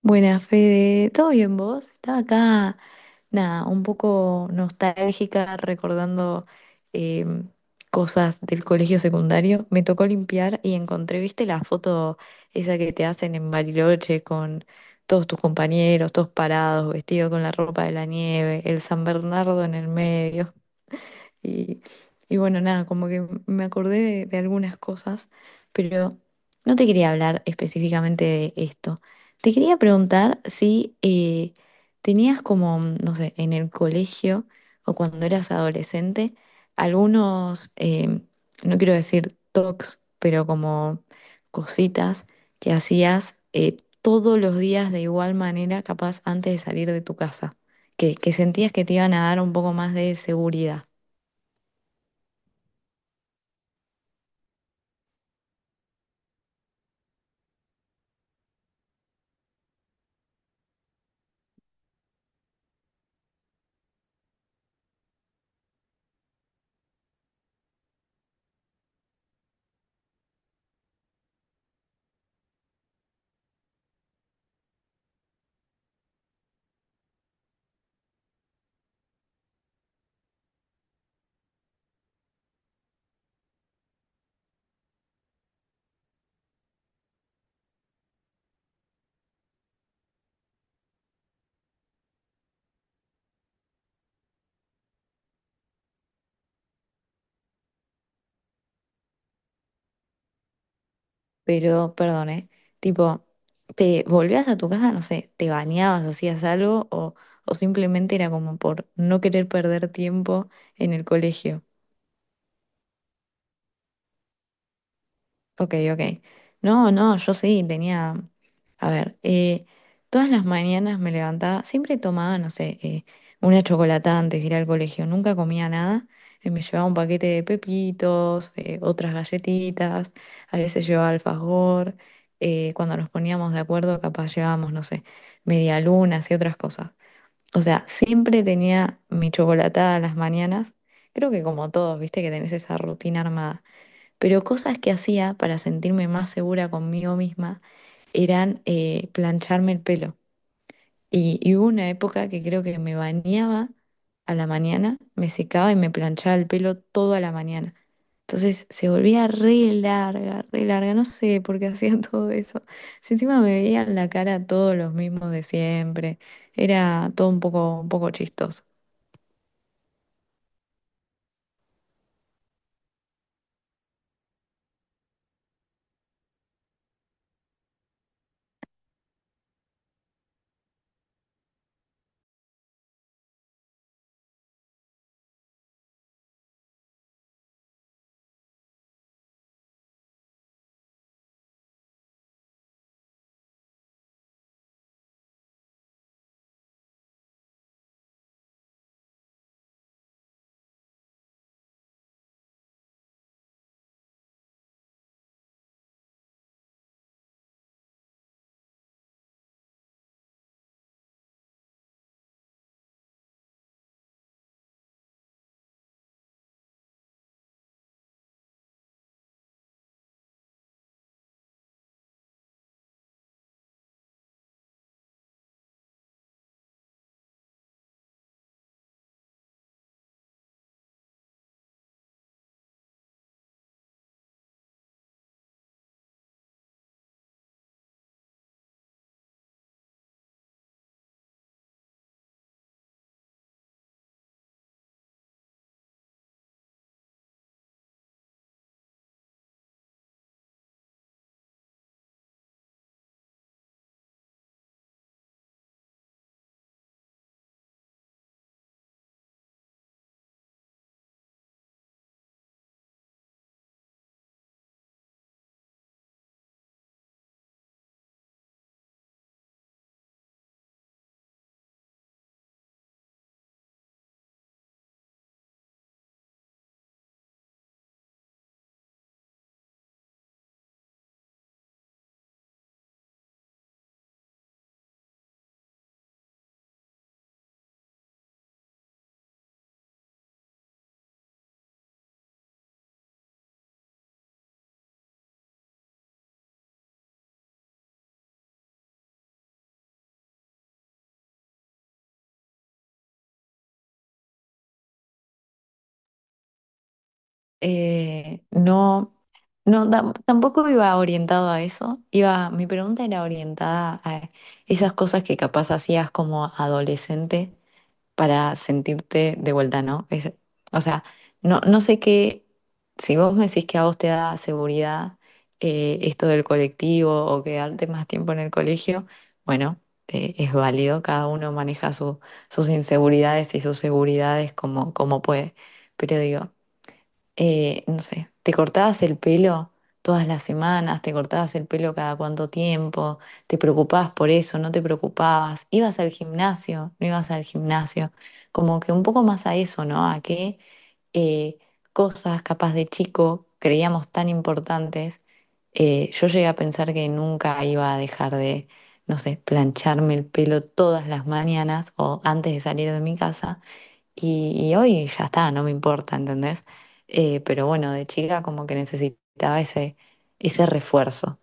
Buenas, Fede. ¿Todo bien vos? Estaba acá, nada, un poco nostálgica, recordando em, cosas del colegio secundario. Me tocó limpiar y encontré, ¿viste la foto esa que te hacen en Bariloche con todos tus compañeros, todos parados, vestidos con la ropa de la nieve, el San Bernardo en el medio? Y, y bueno, nada, como que me acordé de algunas cosas, pero no te quería hablar específicamente de esto. Te quería preguntar si tenías como, no sé, en el colegio o cuando eras adolescente, algunos, no quiero decir tocs, pero como cositas que hacías todos los días de igual manera, capaz antes de salir de tu casa, que sentías que te iban a dar un poco más de seguridad. Pero, perdón, ¿eh? Tipo, ¿te volvías a tu casa? No sé, ¿te bañabas, hacías algo? O simplemente era como por no querer perder tiempo en el colegio? Ok, ok. No, no, yo sí tenía. A ver, todas las mañanas me levantaba, siempre tomaba, no sé, una chocolatada antes de ir al colegio, nunca comía nada. Me llevaba un paquete de pepitos, otras galletitas, a veces llevaba alfajor. Cuando nos poníamos de acuerdo, capaz llevábamos, no sé, medialunas y otras cosas. O sea, siempre tenía mi chocolatada a las mañanas. Creo que como todos, viste que tenés esa rutina armada. Pero cosas que hacía para sentirme más segura conmigo misma eran plancharme el pelo. Y hubo una época que creo que me bañaba a la mañana, me secaba y me planchaba el pelo toda la mañana. Entonces se volvía re larga, no sé por qué hacía todo eso. Si encima me veían la cara todos los mismos de siempre, era todo un poco chistoso. No. No, tampoco iba orientado a eso. Iba, mi pregunta era orientada a esas cosas que capaz hacías como adolescente para sentirte de vuelta, ¿no? O sea, no, no sé qué, si vos me decís que a vos te da seguridad esto del colectivo o quedarte más tiempo en el colegio, bueno, es válido, cada uno maneja sus inseguridades y sus seguridades como, como puede. Pero digo, no sé, te cortabas el pelo todas las semanas, te cortabas el pelo cada cuánto tiempo, te preocupabas por eso, no te preocupabas, ibas al gimnasio, no ibas al gimnasio, como que un poco más a eso, ¿no? A qué eh, cosas capaz de chico creíamos tan importantes. Yo llegué a pensar que nunca iba a dejar de, no sé, plancharme el pelo todas las mañanas o antes de salir de mi casa y hoy ya está, no me importa, ¿entendés? Pero bueno, de chica como que necesitaba ese, ese refuerzo.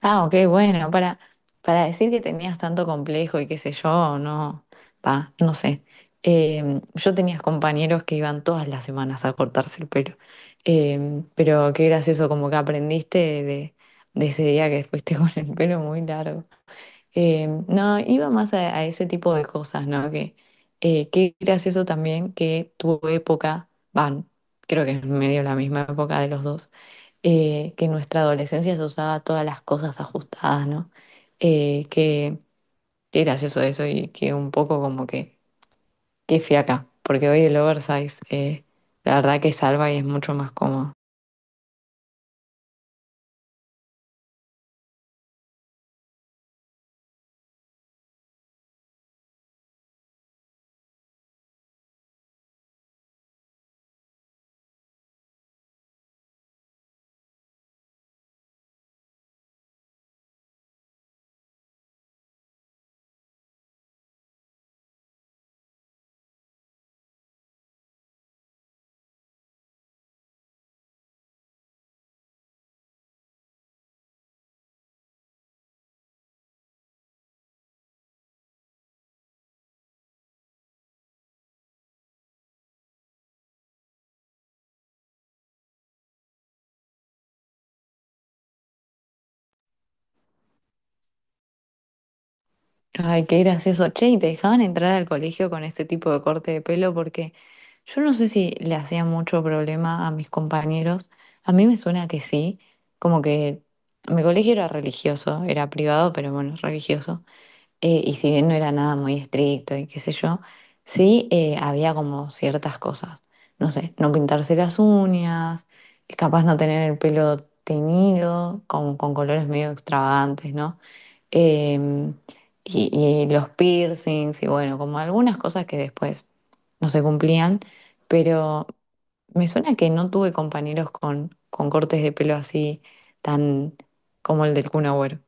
Ah, ok, bueno, para decir que tenías tanto complejo y qué sé yo, no, va, no sé. Yo tenía compañeros que iban todas las semanas a cortarse el pelo. Pero qué gracioso, como que aprendiste de, de ese día que fuiste con el pelo muy largo. No, iba más a ese tipo de cosas, ¿no? Que qué gracioso también que tu época, van, creo que es medio la misma época de los dos, que en nuestra adolescencia se usaba todas las cosas ajustadas, ¿no? Que, qué gracioso eso y que un poco como que, qué fiaca, porque hoy el oversize, la verdad que salva y es mucho más cómodo. Ay, qué gracioso. Che, ¿y te dejaban entrar al colegio con este tipo de corte de pelo? Porque yo no sé si le hacía mucho problema a mis compañeros. A mí me suena que sí. Como que mi colegio era religioso, era privado, pero bueno, religioso. Y si bien no era nada muy estricto y qué sé yo, sí había como ciertas cosas. No sé, no pintarse las uñas, capaz no tener el pelo teñido, con colores medio extravagantes, ¿no? Eh, y los piercings, y bueno, como algunas cosas que después no se cumplían, pero me suena que no tuve compañeros con cortes de pelo así tan como el del Kun Agüero.